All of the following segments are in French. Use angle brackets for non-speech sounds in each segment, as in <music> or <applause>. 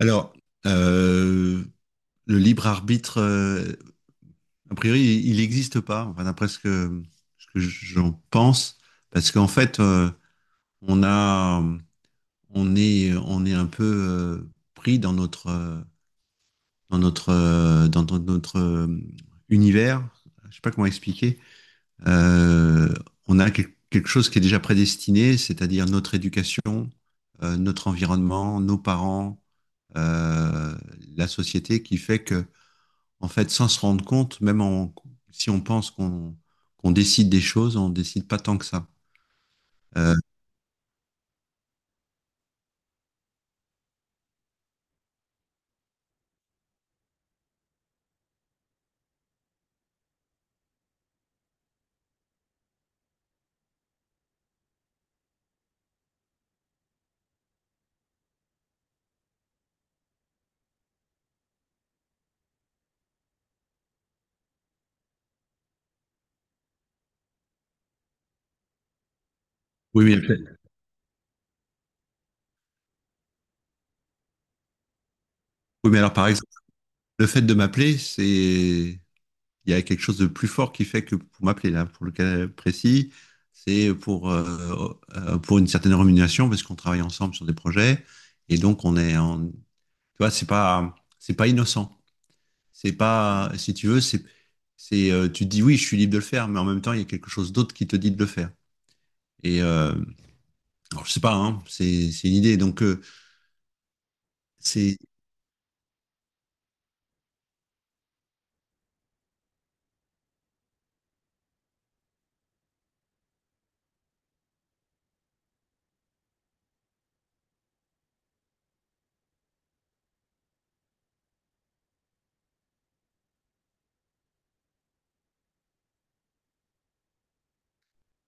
Alors, euh, le libre arbitre, a priori, il n'existe pas, enfin, d'après ce que j'en pense, parce qu'en fait, on a, on est un peu pris dans dans notre univers. Je sais pas comment expliquer. Euh, on a quelque chose qui est déjà prédestiné, c'est-à-dire notre éducation, notre environnement, nos parents, euh, la société, qui fait que en fait, sans se rendre compte, si on pense qu'on décide des choses, on décide pas tant que ça. Euh, oui, mais, oui, mais alors, par exemple, le fait de m'appeler, il y a quelque chose de plus fort qui fait que pour m'appeler, là, pour le cas précis, c'est pour une certaine rémunération, parce qu'on travaille ensemble sur des projets, et donc tu vois, c'est pas innocent. C'est pas, si tu veux, c'est, tu te dis oui, je suis libre de le faire, mais en même temps, il y a quelque chose d'autre qui te dit de le faire. Et, euh, Alors, je sais pas, hein, c'est une idée. Donc, c'est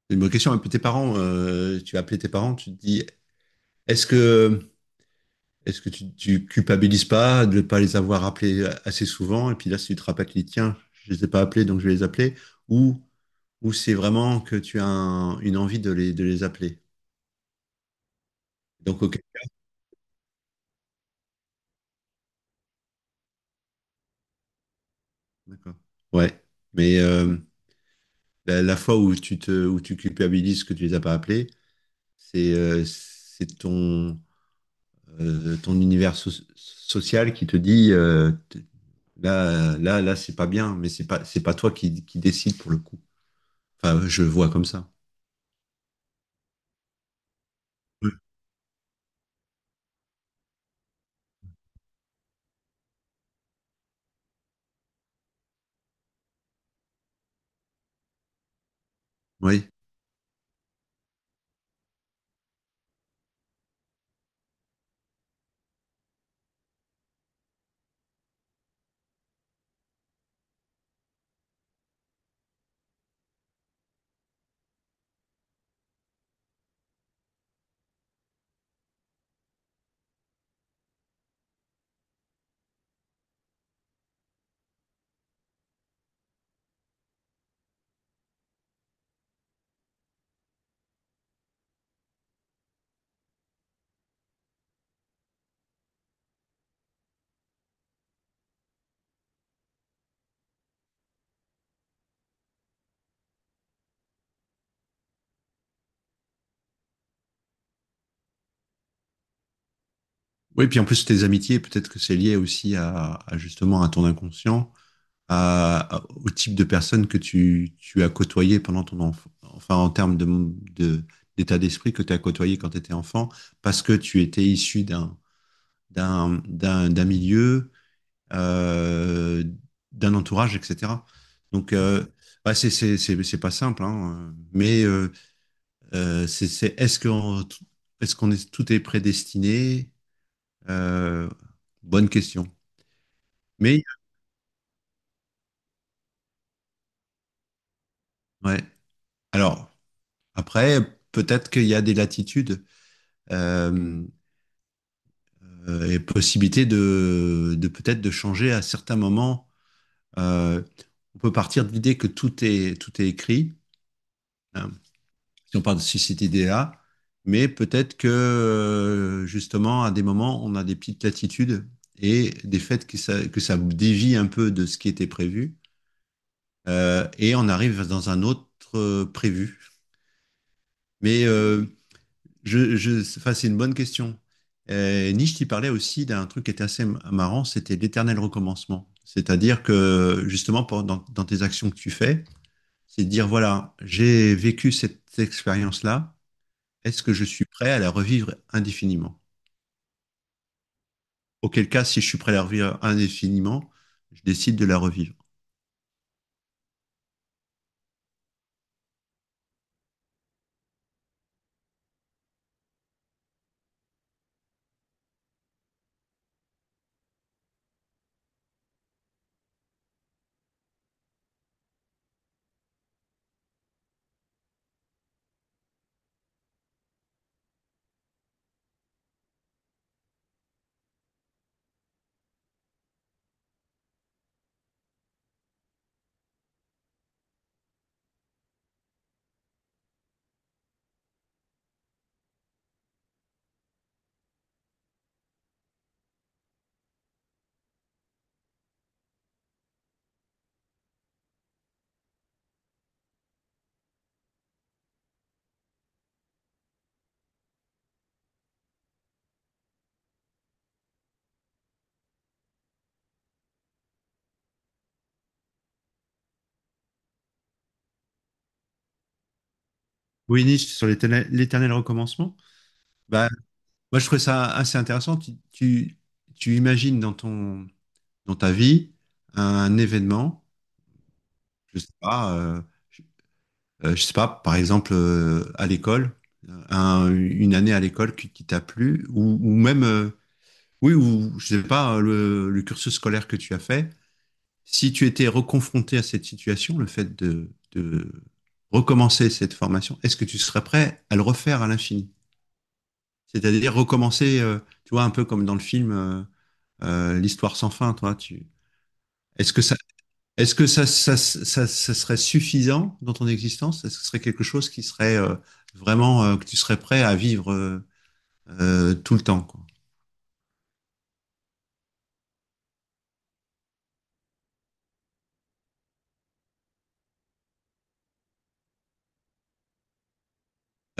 c'est une bonne question. Un peu tes parents, tu as appelé tes parents, tu te dis, est-ce que est-ce que tu culpabilises pas de ne pas les avoir appelés assez souvent? Et puis là, si tu te rappelles, tu dis, tiens, je les ai pas appelés, donc je vais les appeler. Ou ou c'est vraiment que tu as une envie de les appeler. Donc, ok, d'accord. Ouais, mais la fois où tu te où tu culpabilises que tu les as pas appelés, c'est ton ton univers social qui te dit là, là, c'est pas bien, mais c'est pas toi qui décide pour le coup. Enfin, je le vois comme ça. Oui. Oui. Oui, puis en plus, tes amitiés, peut-être que c'est lié aussi à justement à ton inconscient, au type de personne que tu as côtoyé pendant ton enfant, enfin, en termes de- d'état d'esprit que tu as côtoyé quand tu étais enfant, parce que tu étais issu d'un milieu euh, d'un entourage, etc. Donc, bah, c'est pas simple, hein, euh, c'est, c'est- est-ce qu'on est-ce qu'on est, tout est prédestiné? Euh, bonne question. Mais, ouais. Alors, après, peut-être qu'il y a des latitudes euh, et possibilités de peut-être de changer à certains moments. Euh, on peut partir de l'idée que tout est écrit, hein. Si on parle de société DA, mais peut-être que justement, à des moments, on a des petites latitudes et des faits que que ça dévie un peu de ce qui était prévu, et on arrive dans un autre prévu. Mais enfin, c'est une bonne question. Et Nietzsche, il parlait aussi d'un truc qui était assez marrant, c'était l'éternel recommencement. C'est-à-dire que justement, tes actions que tu fais, c'est de dire, voilà, j'ai vécu cette expérience-là. Est-ce que je suis prêt à la revivre indéfiniment? Auquel cas, si je suis prêt à la revivre indéfiniment, je décide de la revivre. Oui, Nietzsche, sur l'éternel recommencement. Bah, moi, je trouvais ça assez intéressant. Tu imagines dans ta vie un événement, je sais pas, euh, je sais pas, par exemple, à l'école, une année à l'école qui t'a plu, ou même, oui, ou je sais pas, le cursus scolaire que tu as fait, si tu étais reconfronté à cette situation, le fait de recommencer cette formation, est-ce que tu serais prêt à le refaire à l'infini? C'est-à-dire recommencer, tu vois, un peu comme dans le film L'histoire sans fin, est-ce que ça est-ce que ça serait suffisant dans ton existence? Est-ce que ce serait quelque chose qui serait vraiment que tu serais prêt à vivre tout le temps, quoi.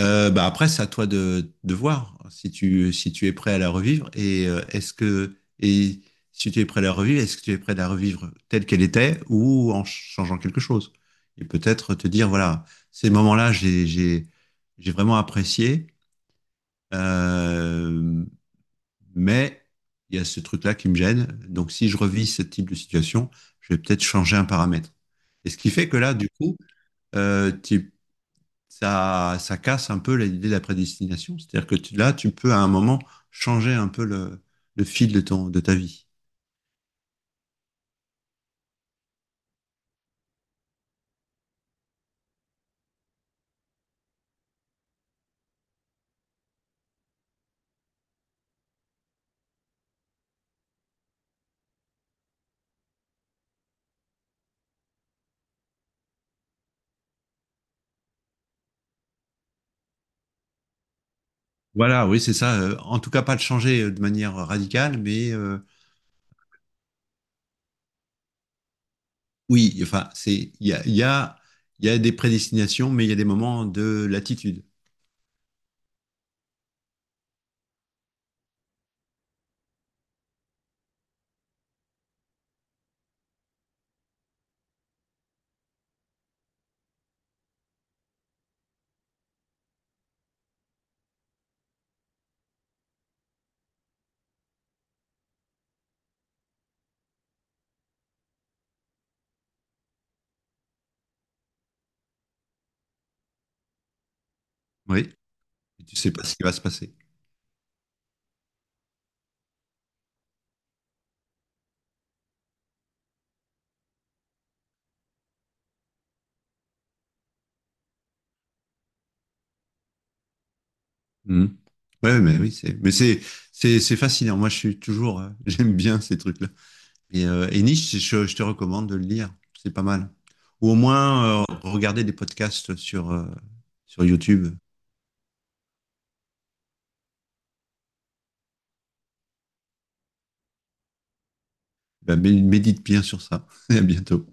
Bah après, c'est à toi de voir si tu, si tu es prêt à la revivre et est-ce que et si tu es prêt à la revivre, est-ce que tu es prêt à la revivre telle qu'elle était ou en changeant quelque chose? Et peut-être te dire, voilà, ces moments-là, j'ai vraiment apprécié. Euh, Mais il y a ce truc-là qui me gêne. Donc, si je revis ce type de situation, je vais peut-être changer un paramètre. Et ce qui fait que là, du coup, euh, tu- ça, ça casse un peu l'idée de la prédestination. C'est-à-dire que là, tu peux à un moment changer un peu le fil de ton, de ta vie. Voilà, oui, c'est ça. En tout cas, pas de changer de manière radicale, mais oui, enfin, il y a, il y a, il y a des prédestinations, mais il y a des moments de latitude. Oui, tu sais pas ce qui va se passer. Mhm. Ouais, mais oui, c'est, mais c'est fascinant. Moi, je suis toujours, <laughs> j'aime bien ces trucs-là. Et Nietzsche, je te recommande de le lire. C'est pas mal. Ou au moins, regarder des podcasts sur, sur YouTube. Ben, médite bien sur ça. <laughs> Et à bientôt.